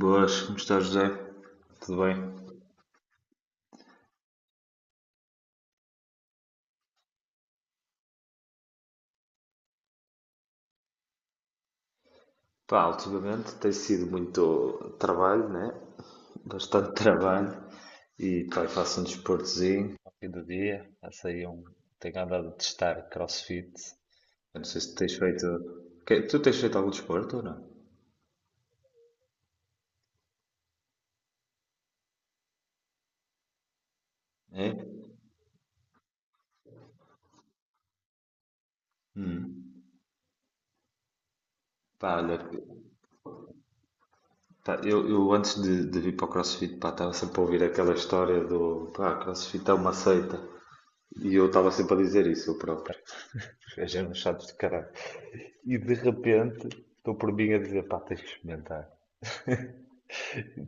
Boas, como está José? Tudo bem? Pá, ultimamente tem sido muito trabalho, né? Bastante trabalho e pá, faço um desportozinho ao fim do dia. Faço aí um... Tenho andado a testar CrossFit. Eu não sei se tens feito... Tu tens feito algum desporto ou não? É? Hum. Pá, olha, pá, eu antes de vir para o CrossFit, pá, estava sempre a ouvir aquela história do, pá, CrossFit é uma seita. E eu estava sempre a dizer isso, eu próprio. A gente é um chato de caralho. E de repente estou por mim a dizer, pá, tens que experimentar.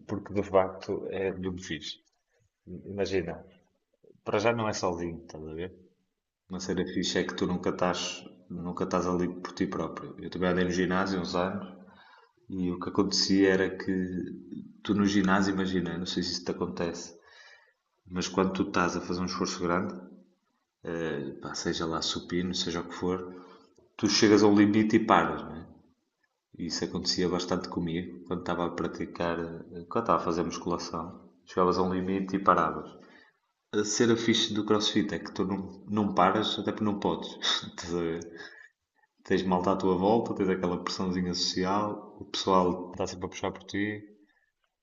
Porque de facto é mesmo fixe. Imagina, para já não é sozinho, estás a ver? Uma cena fixe é que tu nunca estás, nunca estás ali por ti próprio. Eu também andei no ginásio uns anos e o que acontecia era que tu no ginásio, imagina, não sei se isso te acontece, mas quando tu estás a fazer um esforço grande, pá, seja lá supino, seja o que for, tu chegas a um limite e paras, não é? Isso acontecia bastante comigo quando estava a praticar, quando estava a fazer musculação. Chegavas a um limite e paravas. A cena fixe do crossfit é que tu não paras, até porque não podes. Estás a ver? Tens malta à tua volta, tens aquela pressãozinha social, o pessoal está sempre a puxar por ti,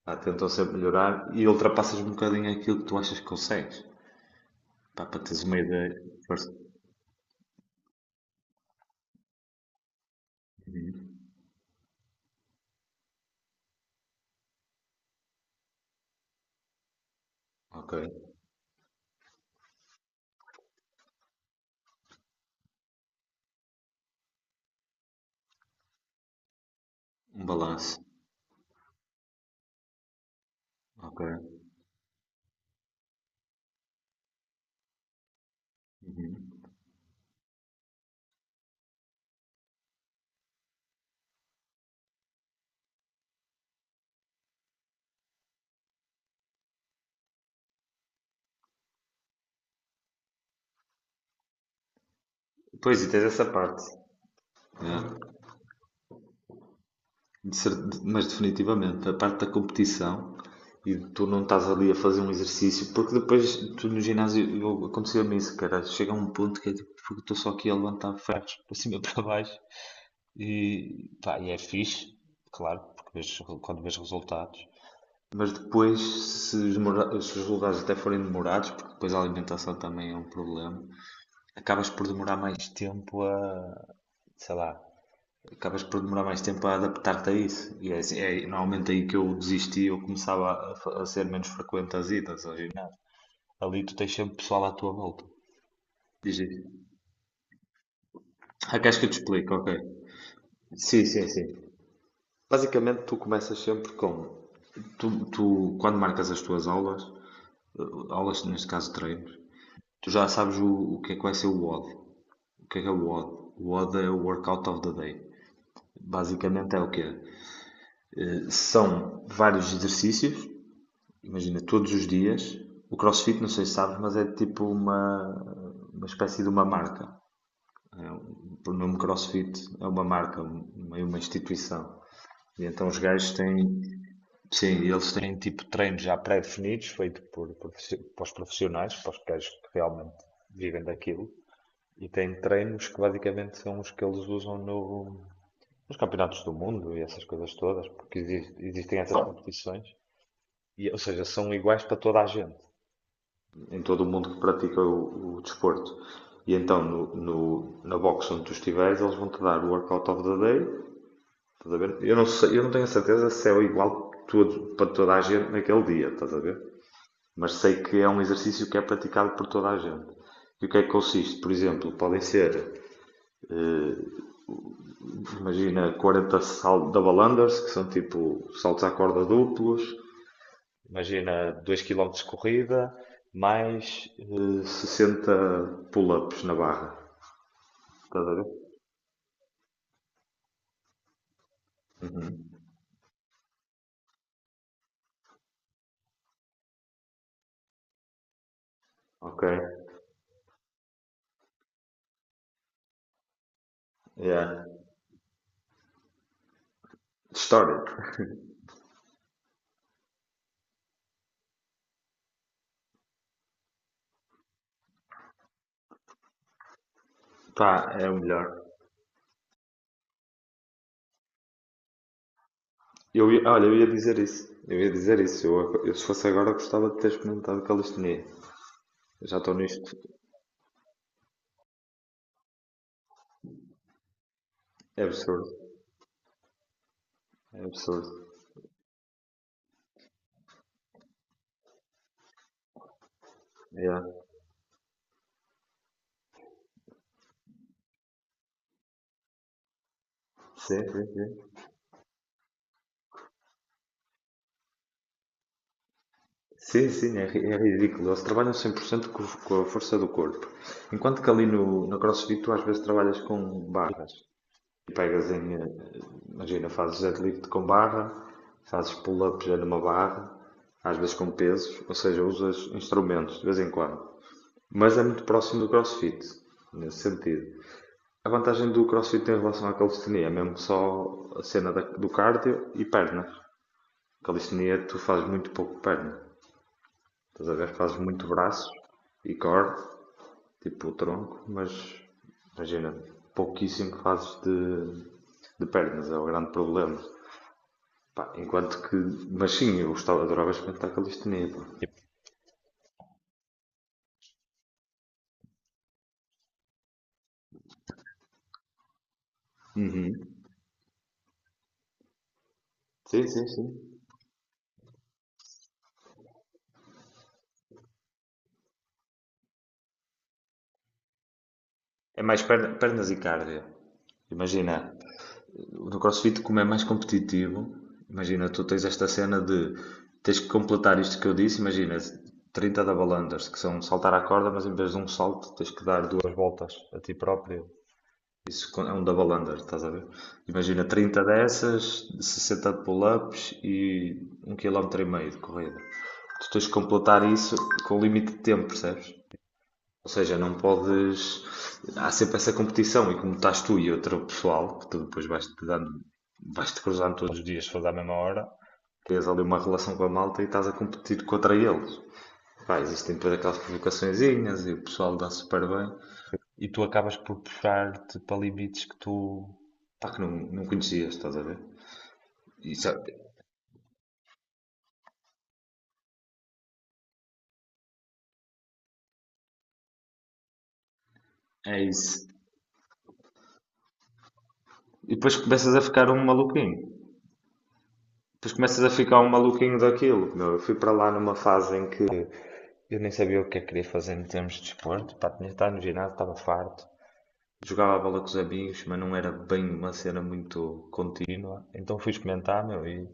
pá, tentam sempre melhorar e ultrapassas um bocadinho aquilo que tu achas que consegues. Pá, para teres uma ideia. Força. Ok. Um balanço. Ok. Pois, e tens essa parte. Yeah. Mas definitivamente, a parte da competição e tu não estás ali a fazer um exercício, porque depois tu no ginásio eu- acontecia-me isso, cara. Chega a um ponto que é tipo, porque estou só aqui a levantar ferros para cima e para baixo e, pá, e é fixe, claro, porque quando vês resultados, mas depois se os resultados até forem demorados, porque depois a alimentação também é um problema, acabas por demorar mais tempo a, sei lá, acabas por demorar mais tempo a adaptar-te a isso. E é, é normalmente aí que eu desisti, eu começava a ser menos frequente as idas ao ginásio. Ali tu tens sempre pessoal à tua volta. Diz aí. Ah, queres que eu te explique? Ok. Sim, sim, sim. Basicamente tu começas sempre com... Tu, quando marcas as tuas aulas, aulas neste caso treinos, tu já sabes o que é que vai ser o WOD. O D. O que é o WOD? O WOD é o Workout of the Day. Basicamente é o quê? São vários exercícios. Imagina, todos os dias, o CrossFit, não sei se sabes, mas é tipo uma espécie de uma marca. O nome CrossFit é uma marca, meio uma instituição. E então os gajos têm, sim, eles têm tipo treinos já pré-definidos, feito para os profissionais, para os gajos que realmente vivem daquilo. E têm treinos que basicamente são os que eles usam no, nos campeonatos do mundo e essas coisas todas, porque existem essas competições. E, ou seja, são iguais para toda a gente em todo o mundo que pratica o desporto. E então na box onde tu estiveres, eles vão te dar o workout of the day. Estás a ver? Eu não sei, eu não tenho a certeza se é o igual para toda a gente naquele dia, estás a ver? Mas sei que é um exercício que é praticado por toda a gente. E o que é que consiste? Por exemplo, podem ser, eh, imagina, 40 saltos double unders, que são tipo saltos à corda duplos. Imagina 2 quilómetros de corrida, mais 60 pull-ups na barra. Estás a ver? Ok. Yeah. Histórico. Pá, é o melhor. Olha, eu ia dizer isso. Eu ia dizer isso. Eu, se fosse agora, gostava de ter experimentado calistenia. Eu já estou nisto. É absurdo. É absurdo. Yeah. Sim, sim, sim. Sim, sim, é, é ridículo. Eles trabalham 100% com a força do corpo. Enquanto que ali no CrossFit tu às vezes trabalhas com barras. Pegas em, imagina, fazes deadlift com barra, fazes pull-up já numa barra, às vezes com pesos, ou seja, usas instrumentos de vez em quando. Mas é muito próximo do CrossFit, nesse sentido. A vantagem do CrossFit em relação à calistenia é mesmo só a cena do cardio e pernas. Calistenia, tu fazes muito pouco perna. Estás a ver? Fazes muito braço e core, tipo o tronco, mas imagina, pouquíssimo fazes de pernas, é o grande problema. Pá, enquanto que. Mas sim, eu gostava, adorava experimentar calistenia, pá. Uhum. Sim, sim, sim. É mais pernas e cardio. Imagina, no CrossFit, como é mais competitivo, imagina, tu tens esta cena de tens que completar isto que eu disse. Imagina, 30 double unders, que são saltar à corda, mas em vez de um salto, tens que dar duas voltas a ti próprio. É um double under, estás a ver? Imagina 30 dessas, 60 de pull-ups e um quilómetro e meio de corrida. Tu tens que completar isso com limite de tempo, percebes? Ou seja, não podes. Há sempre essa competição e como estás tu e outro pessoal, que tu depois vais-te dando, vais-te cruzando todos os dias, se for à mesma hora, tens ali uma relação com a malta e estás a competir contra eles. Pá, existem depois aquelas provocaçõezinhas e o pessoal dá super bem e tu acabas por puxar-te para limites que tu. Pá, que não conhecias, estás a ver? E sabe- É isso. E depois começas a ficar um maluquinho. Depois começas a ficar um maluquinho daquilo. Meu, eu fui para lá numa fase em que eu nem sabia o que é que queria fazer em termos de desporto. Pá, tinha estado no ginásio, estava farto. Jogava a bola com os amigos, mas não era bem uma cena muito contínua. Então fui experimentar, meu, e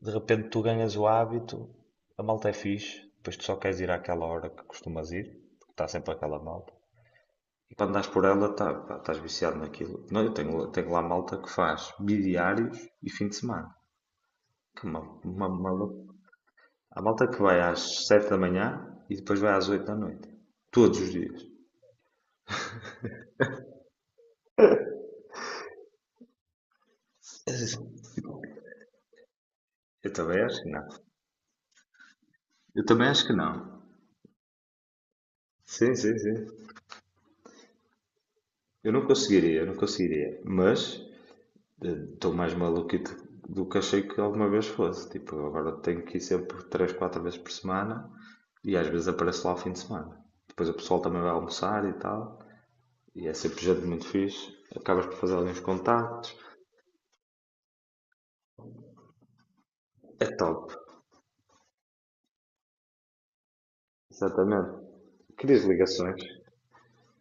de repente tu ganhas o hábito, a malta é fixe, depois tu só queres ir àquela hora que costumas ir, porque está sempre aquela malta. E quando andas por ela, tá, pá, estás viciado naquilo. Não, eu tenho lá malta que faz bidiários e fim de semana. Que é uma, uma. Há malta que vai às 7 da manhã e depois vai às 8 da noite. Todos os dias. Eu também acho que não. Eu também acho que não. Sim, sim, sim. Eu não conseguiria, eu não conseguiria. Mas estou mais maluquito do que achei que alguma vez fosse. Tipo, agora tenho que ir sempre 3, 4 vezes por semana e às vezes apareço lá ao fim de semana. Depois o pessoal também vai almoçar e tal, e é sempre gente muito fixe. Acabas por fazer alguns contactos, é top, exatamente. Crias ligações,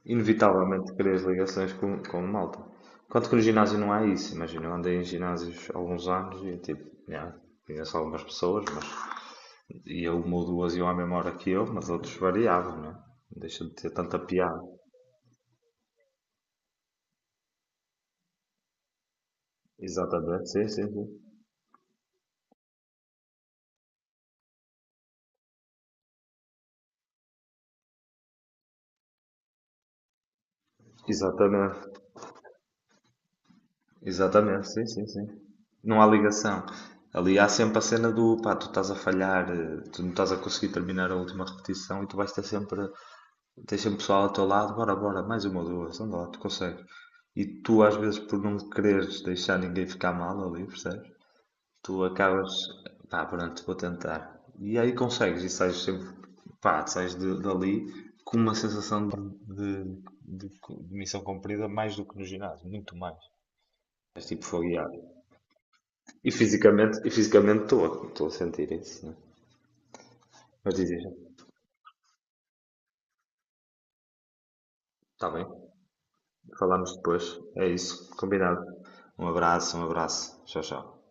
inevitavelmente crias ligações com malta. Enquanto que no ginásio não há isso, imagina, eu andei em ginásios há alguns anos e tipo, yeah, conheço algumas pessoas, mas e ele uma ou duas iam à mesma hora que eu, mas outros variavam, né? Deixa de ter tanta piada. Exatamente, sim, sim, sim. Exatamente, exatamente, sim, sim, sim. Não há ligação. Ali há sempre a cena do pá, tu estás a falhar, tu não estás a conseguir terminar a última repetição e tu vais ter sempre, tens sempre pessoal ao teu lado, bora, bora, mais uma ou duas, anda lá, tu consegues. E tu às vezes por não quereres deixar ninguém ficar mal ali, percebes? Tu acabas, pá, pronto, vou tentar. E aí consegues, e sais sempre, pá, sais dali com uma sensação de- de missão cumprida mais do que no ginásio, muito mais. És tipo fogueado. E fisicamente estou a sentir isso, né? Mas dizes, está bem, falamos depois, é isso, combinado. Um abraço, tchau, tchau.